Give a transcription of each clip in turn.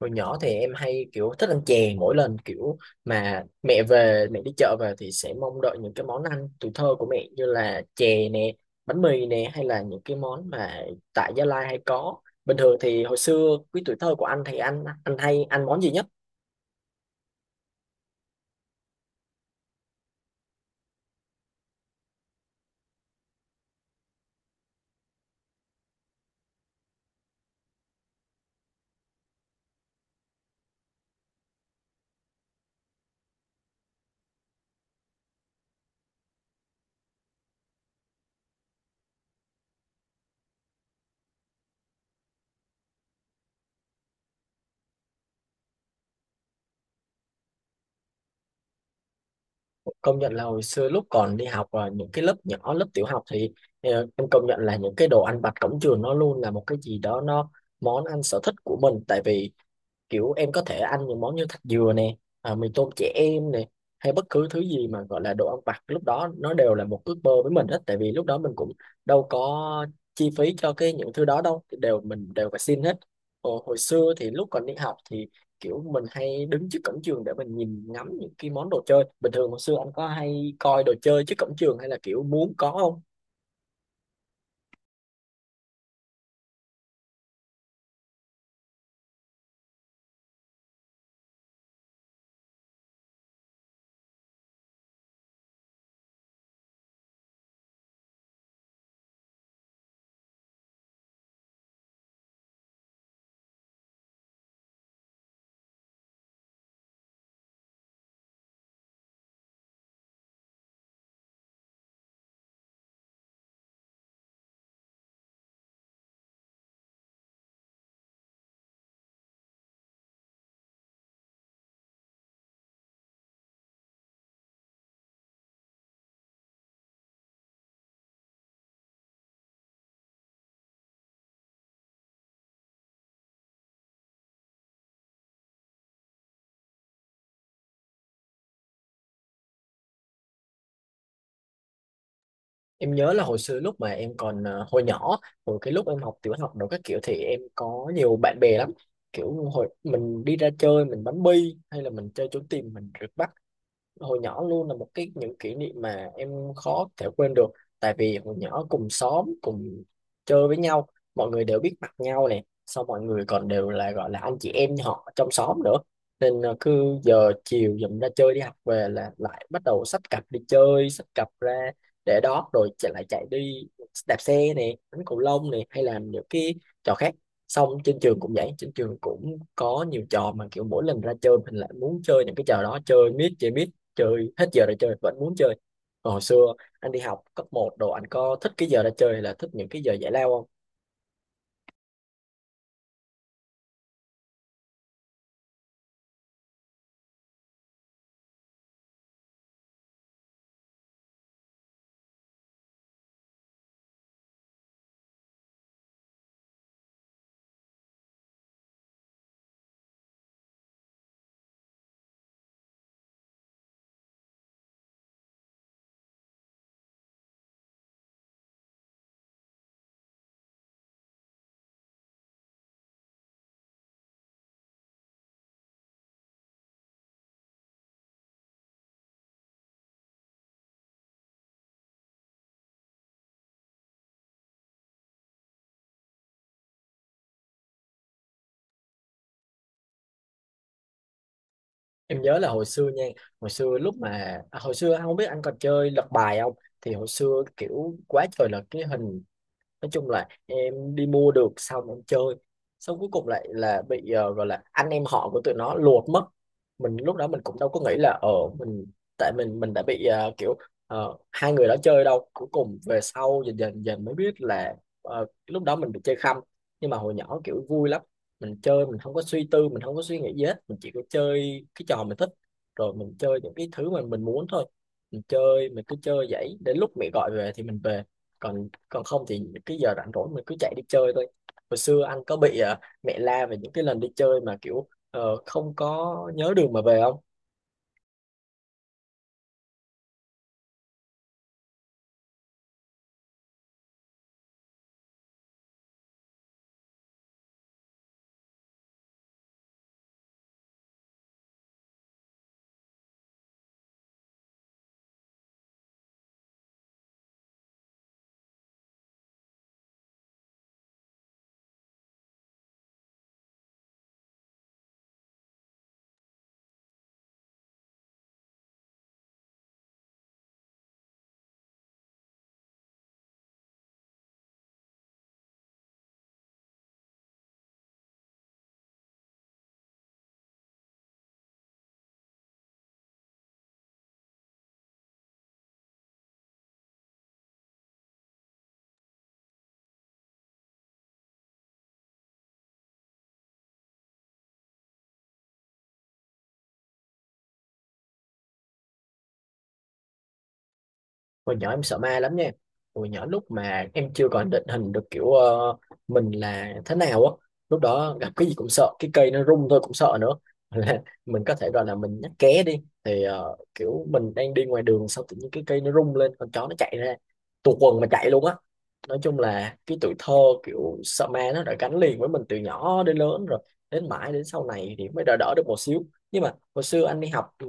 Hồi nhỏ thì em hay kiểu thích ăn chè mỗi lần kiểu mà mẹ về, mẹ đi chợ về thì sẽ mong đợi những cái món ăn tuổi thơ của mẹ như là chè nè, bánh mì nè hay là những cái món mà tại Gia Lai hay có. Bình thường thì hồi xưa cái tuổi thơ của anh thì anh hay ăn món gì nhất? Công nhận là hồi xưa lúc còn đi học ở những cái lớp nhỏ, lớp tiểu học thì em công nhận là những cái đồ ăn vặt cổng trường nó luôn là một cái gì đó, nó món ăn sở thích của mình, tại vì kiểu em có thể ăn những món như thạch dừa nè, à, mì tôm trẻ em nè, hay bất cứ thứ gì mà gọi là đồ ăn vặt lúc đó nó đều là một ước mơ với mình hết, tại vì lúc đó mình cũng đâu có chi phí cho cái những thứ đó đâu thì đều mình đều phải xin hết. Ồ, hồi xưa thì lúc còn đi học thì kiểu mình hay đứng trước cổng trường để mình nhìn ngắm những cái món đồ chơi. Bình thường hồi xưa anh có hay coi đồ chơi trước cổng trường hay là kiểu muốn có không? Em nhớ là hồi xưa lúc mà em còn hồi nhỏ, hồi cái lúc em học tiểu học đồ các kiểu thì em có nhiều bạn bè lắm. Kiểu hồi mình đi ra chơi, mình bắn bi hay là mình chơi trốn tìm, mình rượt bắt hồi nhỏ luôn là một cái những kỷ niệm mà em khó thể quên được, tại vì hồi nhỏ cùng xóm cùng chơi với nhau, mọi người đều biết mặt nhau, này sau mọi người còn đều là gọi là anh chị em họ trong xóm nữa, nên cứ giờ chiều dùm ra chơi đi học về là lại bắt đầu xách cặp đi chơi, xách cặp ra để đó rồi chạy lại chạy đi, đạp xe này, đánh cầu lông này hay làm những cái trò khác. Xong trên trường cũng vậy, trên trường cũng có nhiều trò mà kiểu mỗi lần ra chơi mình lại muốn chơi những cái trò đó, chơi miết chơi miết, chơi hết giờ ra chơi vẫn muốn chơi. Còn hồi xưa anh đi học cấp một đồ anh có thích cái giờ ra chơi hay là thích những cái giờ giải lao không? Em nhớ là hồi xưa nha, hồi xưa lúc mà hồi xưa anh không biết anh còn chơi lật bài không, thì hồi xưa kiểu quá trời là cái hình, nói chung là em đi mua được xong em chơi, xong cuối cùng lại là bị gọi là anh em họ của tụi nó lột mất. Mình lúc đó mình cũng đâu có nghĩ là ở mình, tại mình đã bị kiểu hai người đó chơi đâu, cuối cùng về sau dần dần dần mới biết là lúc đó mình bị chơi khăm. Nhưng mà hồi nhỏ kiểu vui lắm, mình chơi mình không có suy tư, mình không có suy nghĩ gì hết, mình chỉ có chơi cái trò mình thích, rồi mình chơi những cái thứ mà mình muốn thôi. Mình chơi mình cứ chơi vậy, đến lúc mẹ gọi về thì mình về, còn còn không thì cái giờ rảnh rỗi mình cứ chạy đi chơi thôi. Hồi xưa anh có bị mẹ la về những cái lần đi chơi mà kiểu không có nhớ đường mà về không? Hồi nhỏ em sợ ma lắm nha. Hồi nhỏ lúc mà em chưa còn định hình được kiểu mình là thế nào á. Lúc đó gặp cái gì cũng sợ. Cái cây nó rung thôi cũng sợ nữa. Là mình có thể gọi là mình nhắc ké đi. Thì kiểu mình đang đi ngoài đường xong tự nhiên cái cây nó rung lên. Con chó nó chạy ra. Tuột quần mà chạy luôn á. Nói chung là cái tuổi thơ kiểu sợ ma nó đã gắn liền với mình từ nhỏ đến lớn rồi. Đến mãi đến sau này thì mới đỡ đỡ được một xíu. Nhưng mà hồi xưa anh đi học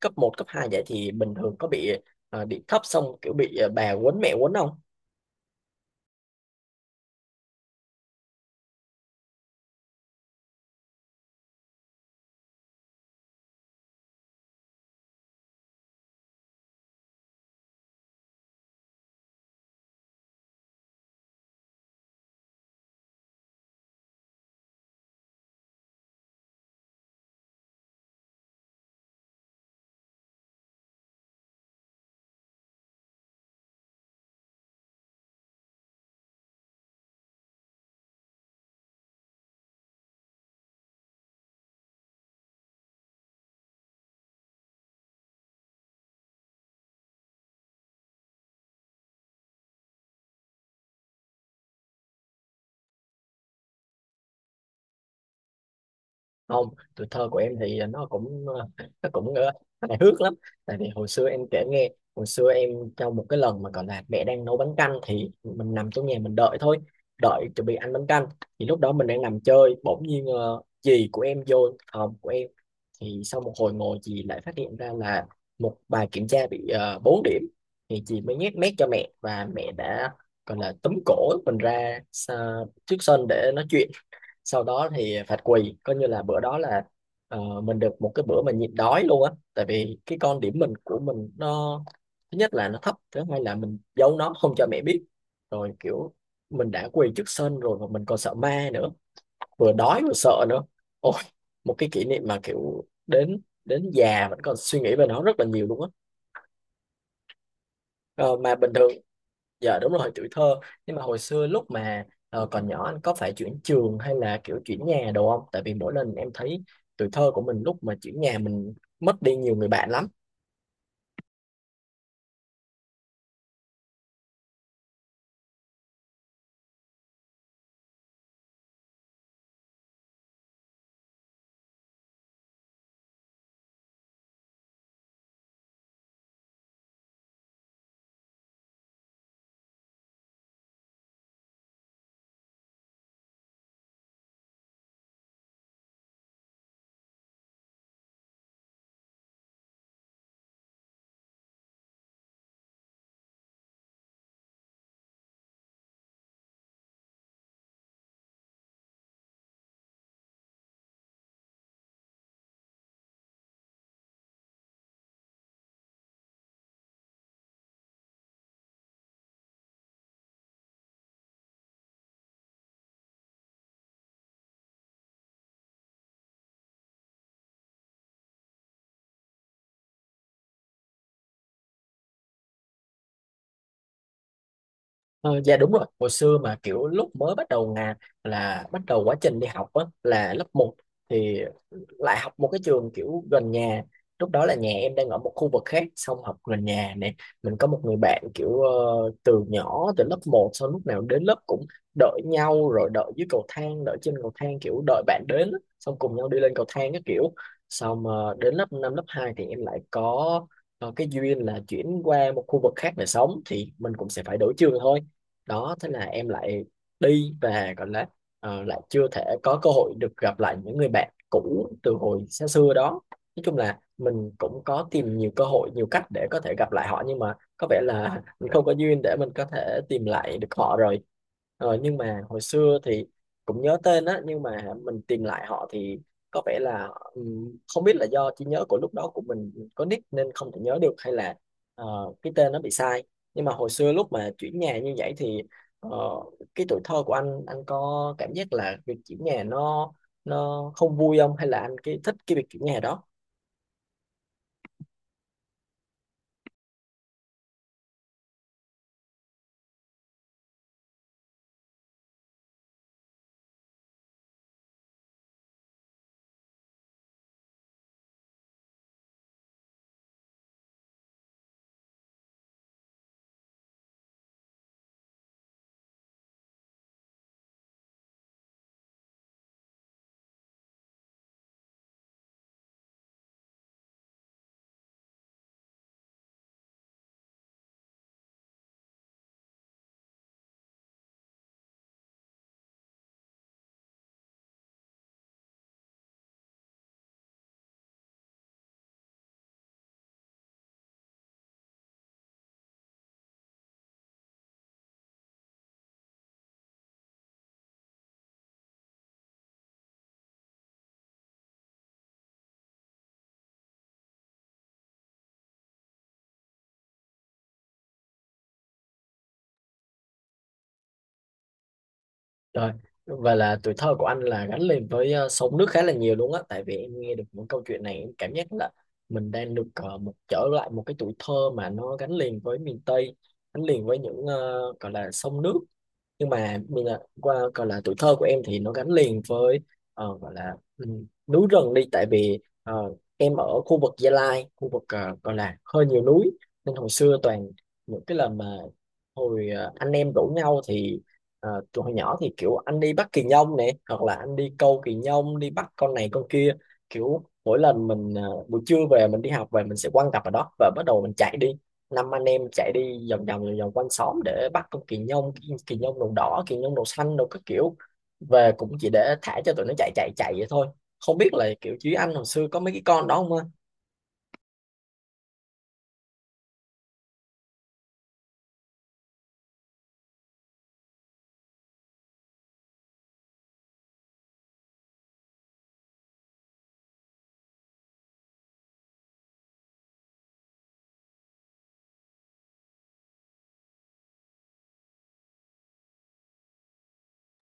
cấp một, cấp 2 vậy thì bình thường có bị đi thấp xong kiểu bị bà quấn mẹ quấn không? Không, tuổi thơ của em thì nó cũng nó cũng hài hước lắm, tại vì hồi xưa em kể nghe. Hồi xưa em, trong một cái lần mà còn là mẹ đang nấu bánh canh thì mình nằm trong nhà mình đợi thôi, đợi chuẩn bị ăn bánh canh. Thì lúc đó mình đang nằm chơi bỗng nhiên dì của em vô phòng của em. Thì sau một hồi ngồi dì lại phát hiện ra là một bài kiểm tra bị 4 điểm. Thì dì mới nhét mép cho mẹ và mẹ đã gọi là túm cổ mình ra xa, trước sân để nói chuyện. Sau đó thì phạt quỳ, coi như là bữa đó là mình được một cái bữa mà nhịn đói luôn á, tại vì cái con điểm mình của mình nó, thứ nhất là nó thấp, thứ hai là mình giấu nó không cho mẹ biết. Rồi kiểu mình đã quỳ trước sân rồi mà mình còn sợ ma nữa, vừa đói vừa sợ nữa, ôi, một cái kỷ niệm mà kiểu đến đến già vẫn còn suy nghĩ về nó rất là nhiều luôn á. Ờ, mà bình thường. Dạ đúng rồi, tuổi thơ. Nhưng mà hồi xưa lúc mà còn nhỏ anh có phải chuyển trường hay là kiểu chuyển nhà đồ không? Tại vì mỗi lần em thấy tuổi thơ của mình lúc mà chuyển nhà, mình mất đi nhiều người bạn lắm. Ờ, dạ đúng rồi, hồi xưa mà kiểu lúc mới bắt đầu ngà, là bắt đầu quá trình đi học á là lớp một, thì lại học một cái trường kiểu gần nhà. Lúc đó là nhà em đang ở một khu vực khác xong học gần nhà nè. Mình có một người bạn kiểu từ nhỏ từ lớp một, sau lúc nào đến lớp cũng đợi nhau, rồi đợi dưới cầu thang, đợi trên cầu thang, kiểu đợi bạn đến á, xong cùng nhau đi lên cầu thang cái kiểu. Xong đến lớp 5 lớp 2 thì em lại có cái duyên là chuyển qua một khu vực khác để sống, thì mình cũng sẽ phải đổi trường thôi. Đó, thế là em lại đi và gọi là lại chưa thể có cơ hội được gặp lại những người bạn cũ từ hồi xa xưa đó. Nói chung là mình cũng có tìm nhiều cơ hội, nhiều cách để có thể gặp lại họ, nhưng mà có vẻ là mình không có duyên để mình có thể tìm lại được họ rồi. Ờ, nhưng mà hồi xưa thì cũng nhớ tên á, nhưng mà mình tìm lại họ thì có vẻ là không biết là do trí nhớ của lúc đó của mình có nick nên không thể nhớ được, hay là ờ, cái tên nó bị sai. Nhưng mà hồi xưa lúc mà chuyển nhà như vậy thì ờ, cái tuổi thơ của anh có cảm giác là việc chuyển nhà nó không vui không, hay là anh cái thích cái việc chuyển nhà đó? Rồi và là tuổi thơ của anh là gắn liền với sông nước khá là nhiều luôn á, tại vì em nghe được những câu chuyện này em cảm giác là mình đang được một trở lại một cái tuổi thơ mà nó gắn liền với miền Tây, gắn liền với những gọi là sông nước. Nhưng mà mình là qua gọi là tuổi thơ của em thì nó gắn liền với gọi là núi rừng đi, tại vì em ở khu vực Gia Lai, khu vực gọi là hơi nhiều núi. Nên hồi xưa toàn những cái lần mà hồi anh em rủ nhau thì tụi hồi nhỏ thì kiểu anh đi bắt kỳ nhông nè, hoặc là anh đi câu kỳ nhông, đi bắt con này con kia, kiểu mỗi lần mình buổi trưa về mình đi học về, mình sẽ quăng cặp ở đó và bắt đầu mình chạy đi. Năm anh em chạy đi vòng vòng vòng vòng quanh xóm để bắt con kỳ nhông, kỳ nhông đầu đỏ, kỳ nhông đầu xanh đồ các kiểu, về cũng chỉ để thả cho tụi nó chạy chạy chạy vậy thôi. Không biết là kiểu chứ anh hồi xưa có mấy cái con đó không anh?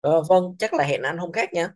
Ờ, vâng, chắc là hẹn anh hôm khác nha.